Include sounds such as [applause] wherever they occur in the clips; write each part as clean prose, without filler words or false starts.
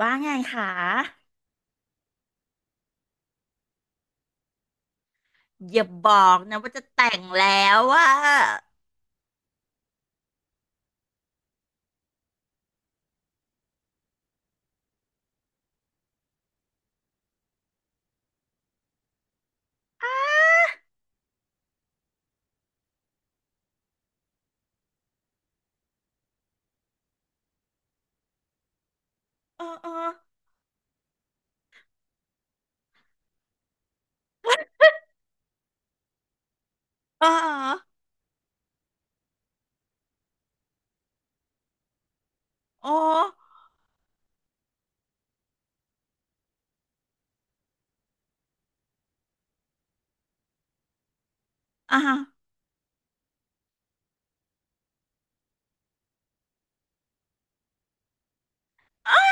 ว่าไงคะอย่าบอกนะว่าจะแต่งแล้วว่าเออเออเออโอ้อ่าอ้า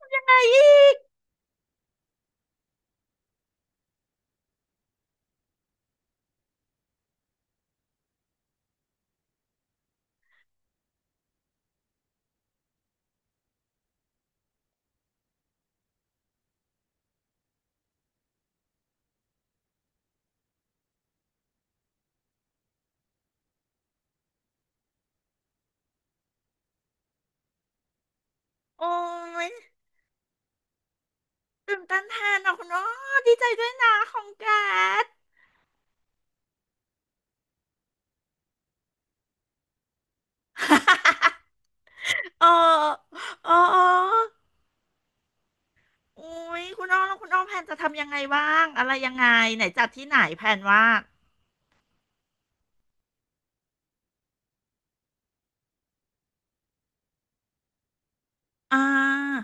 อะไรอีกโอ้ยตื่นตันแทนอ่ะคุณอ้อดีใจด้วยนะของแกด [laughs] เออเออเออโอ้ยคุณอ้อแล้วคุณอ้อแพนจะทำยังไงบ้างอะไรยังไงไหนจัดที่ไหนแพนว่าอ่า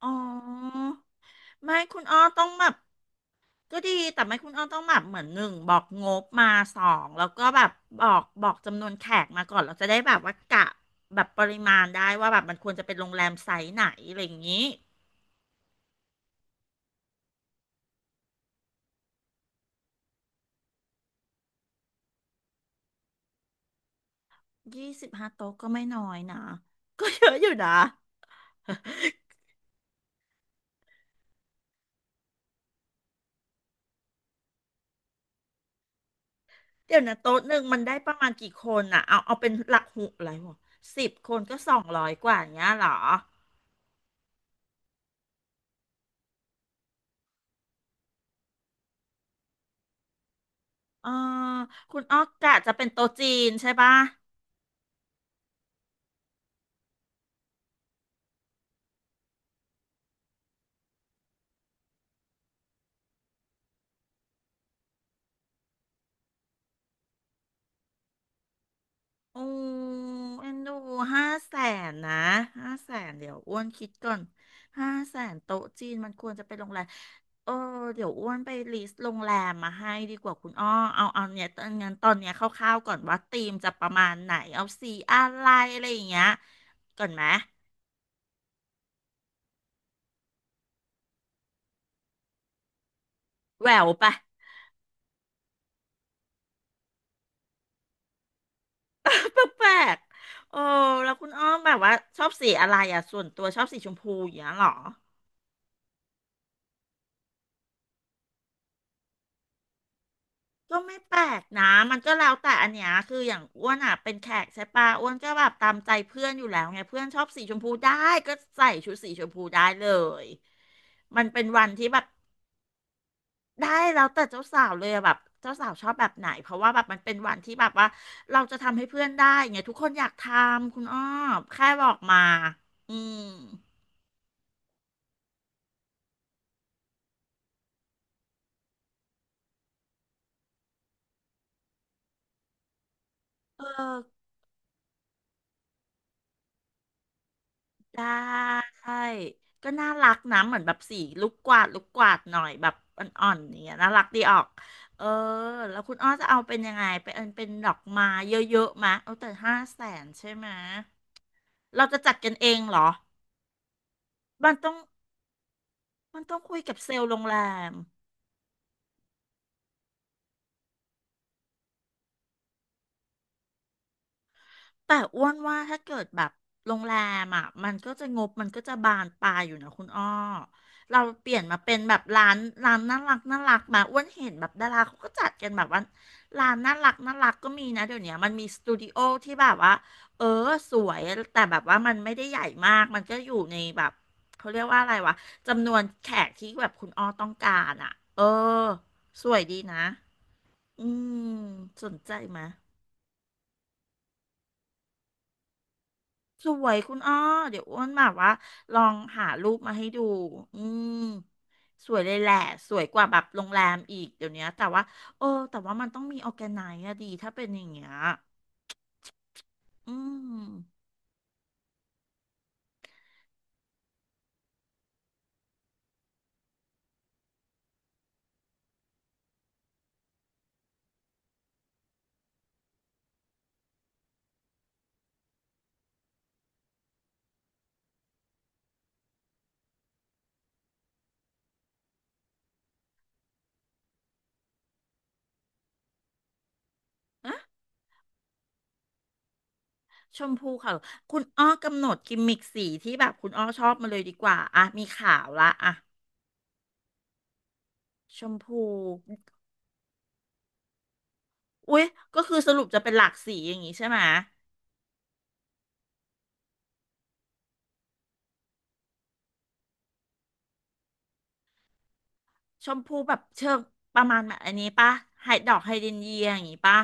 อ๋อ ไม่คุณอ้อต้องแบบก็ดีแต่ไม่คุณอ้อต้องแบบเหมือนหนึ่งบอกงบมาสองแล้วก็แบบบอกจำนวนแขกมาก่อนเราจะได้แบบว่ากะแบบปริมาณได้ว่าแบบมันควรจะเป็นโรงแรมไซส์ไหนอะไรอย่างนี้25 โต๊ะก็ไม่น้อยนะ [laughs] ก็เยอะอยู่นะเดี๋ยวนะโต๊ะหนึ่งมันได้ประมาณกี่คนอ่ะเอาเป็นหลักหุอะไรวะ10 คนก็200กว่าอย่างเงี้ยเหรอเออคุณอ้อกะจะเป็นโต๊ะจีนใช่ปะ โอ้เอ็นดูห้าแสนนะห้าแสนเดี๋ยวอ้วนคิดก่อนห้าแสนโต๊ะจีนมันควรจะไปโรงแรมเออเดี๋ยวอ้วนไปลิสต์โรงแรมมาให้ดีกว่าคุณอ้อเอาเนี่ยตอนงั้นตอนเนี้ยคร่าวๆก่อนว่าธีมจะประมาณไหนเอาสีอะไรอะไรอย่างเงี้ยก่อนไหมแหววปะ [laughs] แปลกๆโอ้แล้วคุณอ้อมแบบว่าชอบสีอะไรอ่ะส่วนตัวชอบสีชมพูอย่างเงี้ยเหรอ ก็ไม่แปลกนะมันก็แล้วแต่อันเนี้ยคืออย่างอ้วนอ่ะเป็นแขกใช่ปะอ้วนก็แบบตามใจเพื่อนอยู่แล้วไงเพื่อนชอบสีชมพูได้ก็ใส่ชุดสีชมพูได้เลย มันเป็นวันที่แบบได้แล้วแต่เจ้าสาวเลยอะแบบเจ้าสาวชอบแบบไหนเพราะว่าแบบมันเป็นวันที่แบบว่าเราจะทำให้เพื่อนได้ไงทุกคนอยากทำคุณอ้อแค่บอกมาอืมเออ ได้ก็น่ารักนะเหมือนแบบสีลูกกวาดหน่อยแบบอ่อนๆอย่างเงี้ยน่ารักดีออกเออแล้วคุณอ้อจะเอาเป็นยังไงเป็นอันเป็นดอกไม้เยอะๆมะเอาแต่ห้าแสนใช่ไหมะเราจะจัดกันเองเหรอมันต้องมันต้องคุยกับเซลล์โรงแรม แต่อ้วนว่าถ้าเกิดแบบโรงแรมอ่ะมันก็จะงบมันก็จะบานปลายอยู่นะคุณอ้อเราเปลี่ยนมาเป็นแบบร้านน่ารักน่ารักมาอ้วนเห็นแบบดาราเขาก็จัดกันแบบว่าร้านน่ารักน่ารักก็มีนะเดี๋ยวเนี้ยมันมีสตูดิโอที่แบบว่าเออสวยแต่แบบว่ามันไม่ได้ใหญ่มากมันก็อยู่ในแบบเขาเรียกว่าอะไรวะจำนวนแขกที่แบบคุณอ้อต้องการอ่ะเออสวยดีนะอืมสนใจไหม สวยคุณอ้อเดี๋ยวอ้วนแบบว่าลองหารูปมาให้ดู อืมสวยเลยแหละสวยกว่าแบบโรงแรมอีกเดี๋ยวเนี้ยแต่ว่าเออแต่ว่ามันต้องมีออร์แกไนซ์อะดีถ้าเป็นอย่างเงี้ยอืมชมพูค่ะคุณอ้อกำหนดกิมมิกสีที่แบบคุณอ้อชอบมาเลยดีกว่าอ่ะมีขาวละอ่ะชมพูอุ๊ยก็คือสรุปจะเป็นหลากสีอย่างงี้ใช่ไหมชมพูแบบเชิงประมาณแบบอันนี้ปะไฮดอกไฮเดรนเยียอย่างงี้ปะ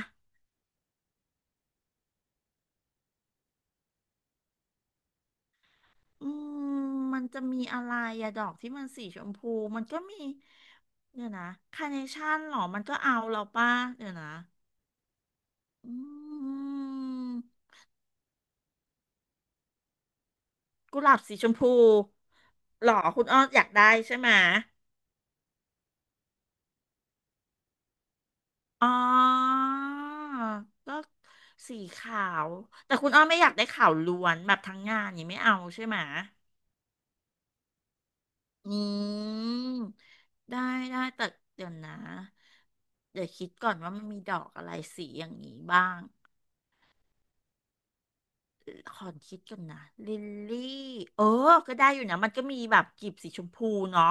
อืมมันจะมีอะไรอะดอกที่มันสีชมพูมันก็มีเดี๋ยวนะคาร์เนชั่นหรอมันก็เอาเราป่ะเดี๋ยวนะอืมกุหลาบสีชมพูหรอคุณอ้ออยากได้ใช่ไหมอ๋อก็สีขาวแต่คุณอ้อไม่อยากได้ขาวล้วนแบบทั้งงานนี่างงี้ไม่เอาใช่ไหมอืมได้ได้แต่เดี๋ยวนะเดี๋ยวคิดก่อนว่ามันมีดอกอะไรสีอย่างนี้บ้าง ขอคิดกันนะลิลลี่เออก็ได้อยู่นะมันก็มีแบบกลีบสีชมพูเนาะ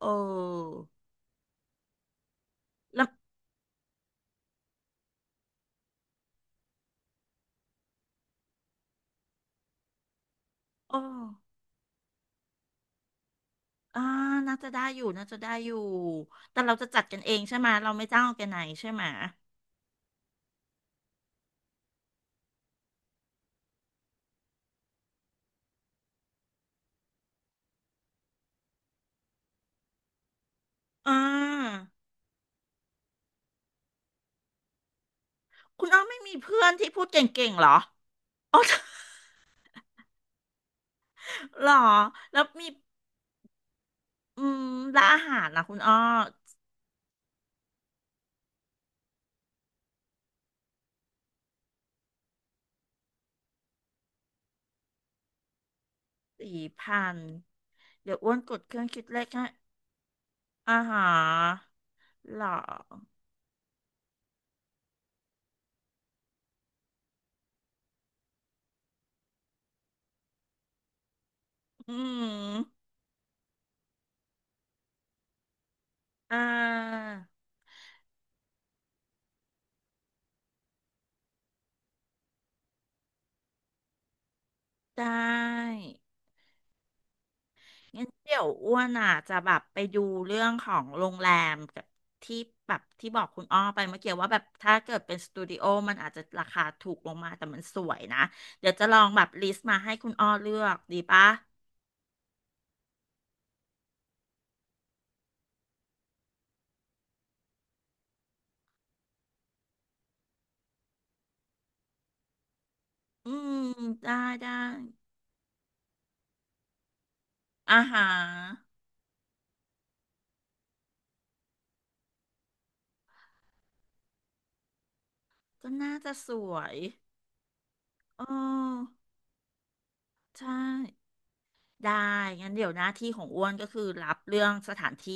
เออแล้วอ๋ออ่าน่าจะได้อยู่น่าจะได้อยู่แต่เราจะจัดกันเองใช่ไหมเราไม่จ้างออร์แกไนซ์ใช่ไหมอ่าคุณอ้อมไม่มีเพื่อนที่พูดเก่งๆเหรออ๋อ [laughs] เหรอแล้วมีอืมและอาหารนะคุณอ้อ4,000เดี๋ยวอ้วนกดเครื่องคิดเลขให้อาหารเหรออืม อ่าได้งั้นเดี๋ยวอ้วนอ่ะจะแบบไปดูเรื่องของโรงแรมกับที่แบบที่บอกคุณอ้อไปเมื่อกี้ว่าแบบถ้าเกิดเป็นสตูดิโอมันอาจจะราคาถูกลงมาแต่มันสวยนะเดี๋ยวจะลองแบบลิสต์มาให้คุณอ้อเลือกดีปะอืมได้ได้อาหารก็น่าจะสวยอ๋อใช่ ได้ งั้นเดี๋ยวหน้าที่ของอ้วนก็คือรับเรื่องสถานที่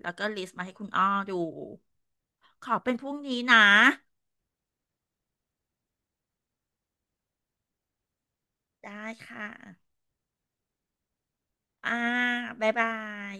แล้วก็ลิสต์มาให้คุณอ้อดู ขอเป็นพรุ่งนี้นะ ได้ค่ะอ่าบ๊ายบาย